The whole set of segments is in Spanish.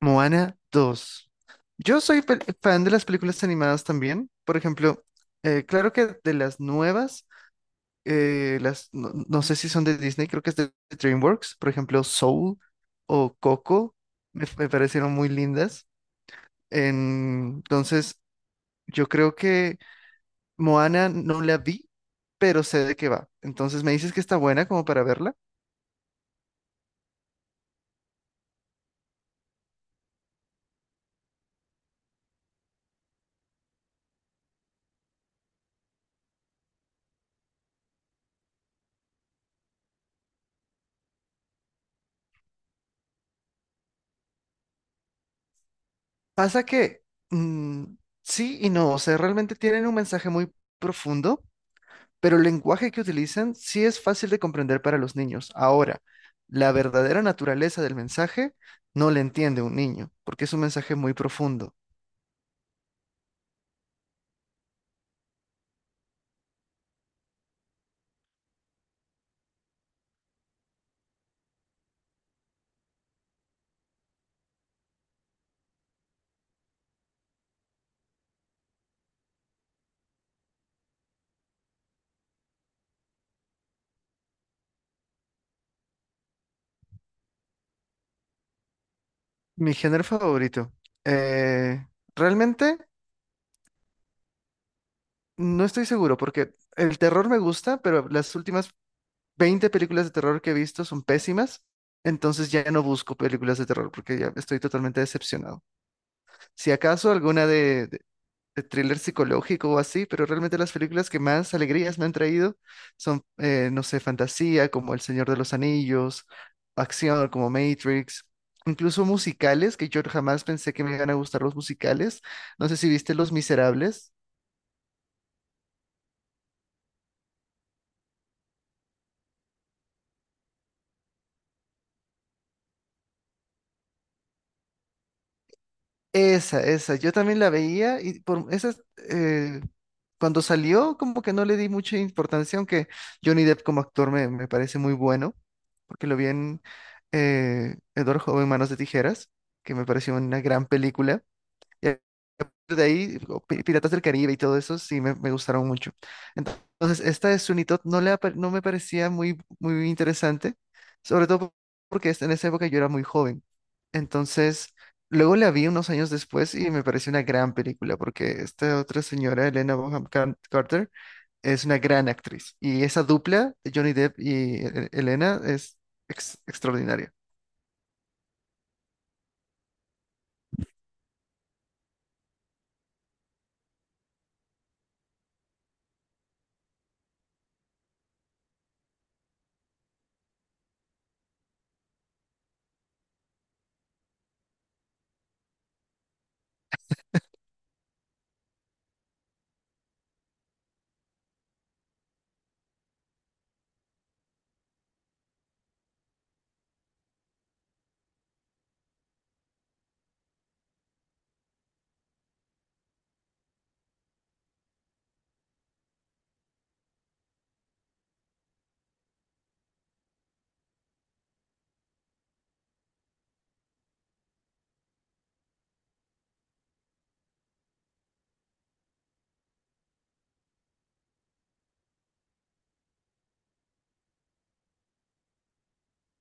Moana 2. Yo soy fan de las películas animadas también. Por ejemplo, claro que de las nuevas, las, no, no sé si son de Disney, creo que es de DreamWorks. Por ejemplo, Soul o Coco me parecieron muy lindas. Entonces, yo creo que Moana no la vi, pero sé de qué va. Entonces, ¿me dices que está buena como para verla? Pasa que mm, sí y no, o sea, realmente tienen un mensaje muy profundo, pero el lenguaje que utilizan sí es fácil de comprender para los niños. Ahora, la verdadera naturaleza del mensaje no la entiende un niño, porque es un mensaje muy profundo. Mi género favorito. Eh, realmente no estoy seguro porque el terror me gusta, pero las últimas 20 películas de terror que he visto son pésimas. Entonces ya no busco películas de terror porque ya estoy totalmente decepcionado. Si acaso alguna de thriller psicológico o así, pero realmente las películas que más alegrías me han traído son, no sé, fantasía como El Señor de los Anillos, acción como Matrix, incluso musicales, que yo jamás pensé que me iban a gustar los musicales. No sé si viste Los Miserables. Esa, yo también la veía y por esas, eh, cuando salió como que no le di mucha importancia, aunque Johnny Depp como actor me parece muy bueno, porque lo vi en Edward Joven Manos de Tijeras, que me pareció una gran película, y de ahí, o Piratas del Caribe y todo eso, sí me gustaron mucho. Entonces, esta de Sunito no, le, no me parecía muy interesante, sobre todo porque en esa época yo era muy joven. Entonces, luego la vi unos años después y me pareció una gran película, porque esta otra señora, Elena Bonham Carter, es una gran actriz. Y esa dupla, Johnny Depp y Elena, es extraordinaria.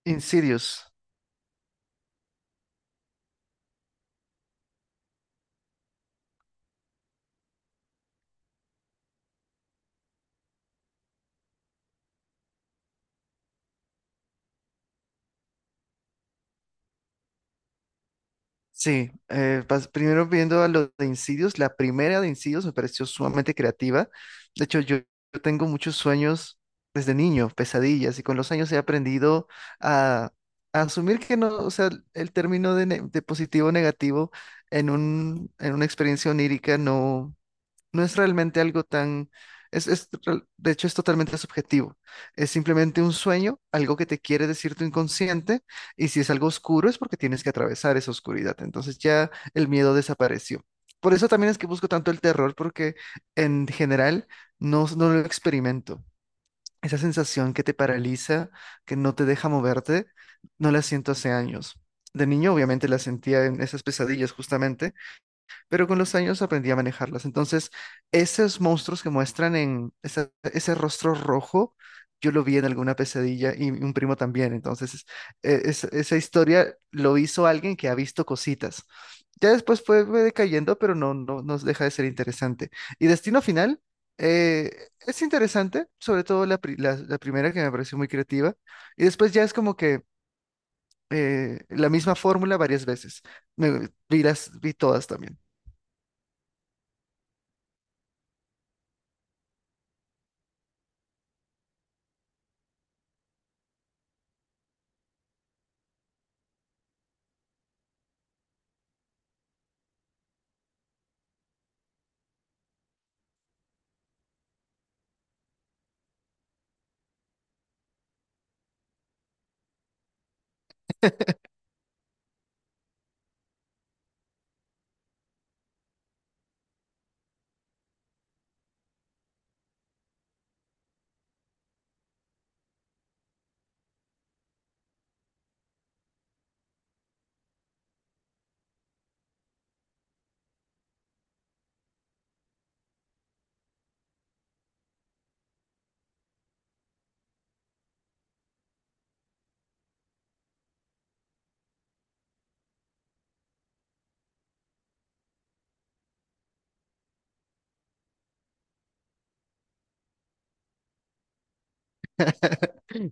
Insidious. Sí, primero viendo a los de Insidious, la primera de Insidious me pareció sumamente creativa. De hecho, yo tengo muchos sueños desde niño, pesadillas, y con los años he aprendido a, a asumir que no, o sea, el término de, de positivo o negativo en en una experiencia onírica no. No es realmente algo tan... Es, de hecho, es totalmente subjetivo. Es simplemente un sueño, algo que te quiere decir tu inconsciente, y si es algo oscuro es porque tienes que atravesar esa oscuridad. Entonces ya el miedo desapareció. Por eso también es que busco tanto el terror, porque en general no, no lo experimento. Esa sensación que te paraliza, que no te deja moverte, no la siento hace años. De niño, obviamente, la sentía en esas pesadillas justamente, pero con los años aprendí a manejarlas. Entonces, esos monstruos que muestran en ese rostro rojo, yo lo vi en alguna pesadilla y un primo también. Entonces, esa historia lo hizo alguien que ha visto cositas. Ya después fue decayendo, pero no, no nos deja de ser interesante. Y Destino Final eh, es interesante, sobre todo la primera que me pareció muy creativa. Y después ya es como que la misma fórmula varias veces. Vi las, vi todas también.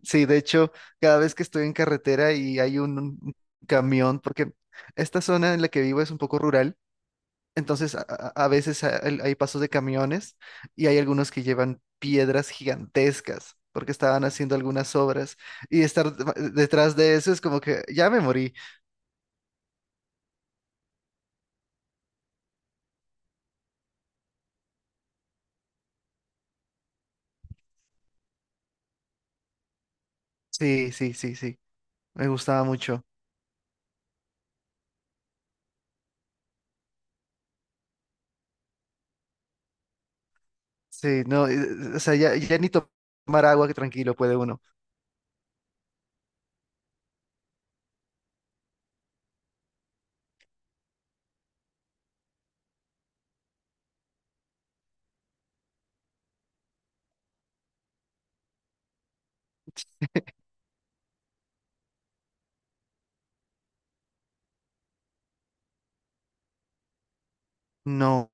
Sí, de hecho, cada vez que estoy en carretera y hay un camión, porque esta zona en la que vivo es un poco rural, entonces a veces hay pasos de camiones y hay algunos que llevan piedras gigantescas porque estaban haciendo algunas obras y estar detrás de eso es como que ya me morí. Sí, sí, sí, sí, me gustaba mucho. Sí, no, o sea, ya, ya ni to- tomar agua que tranquilo puede uno. No.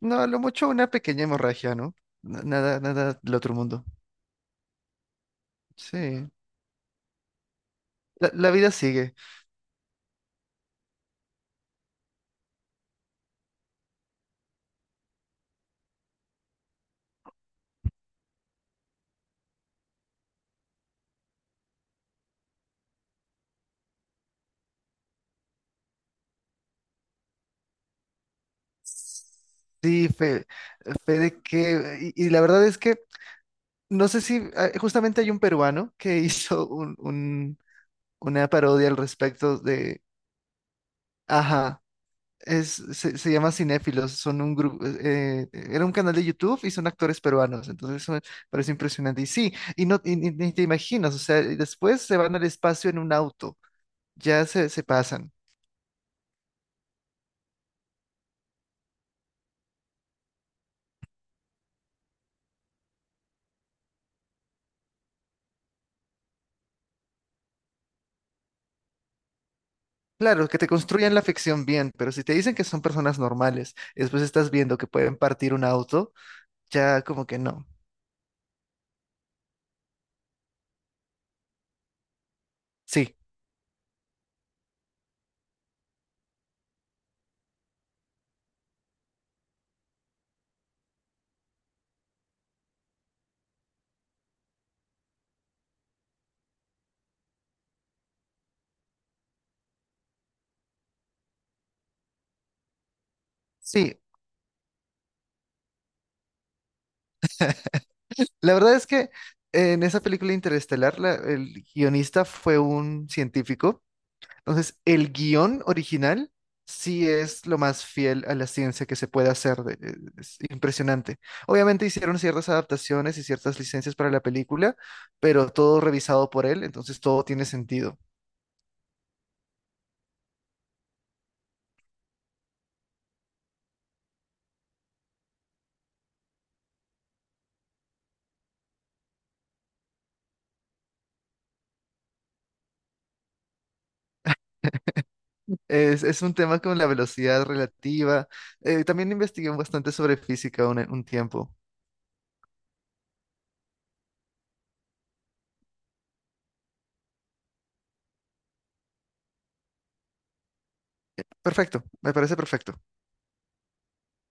No, a lo mucho una pequeña hemorragia, ¿no? Nada, nada del otro mundo. Sí, la vida sigue. Sí, fe de que... Y, y la verdad es que no sé si... ah, justamente hay un peruano que hizo una parodia al respecto de... Ajá, es, se llama Cinéfilos, son un grupo... era un canal de YouTube y son actores peruanos, entonces eso me parece impresionante. Y sí, y no, y ni te imaginas, o sea, y después se van al espacio en un auto, ya se pasan. Claro, que te construyan la ficción bien, pero si te dicen que son personas normales y después estás viendo que pueden partir un auto, ya como que no. Sí, sí. La verdad es que en esa película Interestelar, el guionista fue un científico. Entonces, el guión original sí es lo más fiel a la ciencia que se puede hacer. Es impresionante. Obviamente hicieron ciertas adaptaciones y ciertas licencias para la película, pero todo revisado por él, entonces todo tiene sentido. Es un tema con la velocidad relativa. También investigué bastante sobre física un tiempo. Perfecto, me parece perfecto.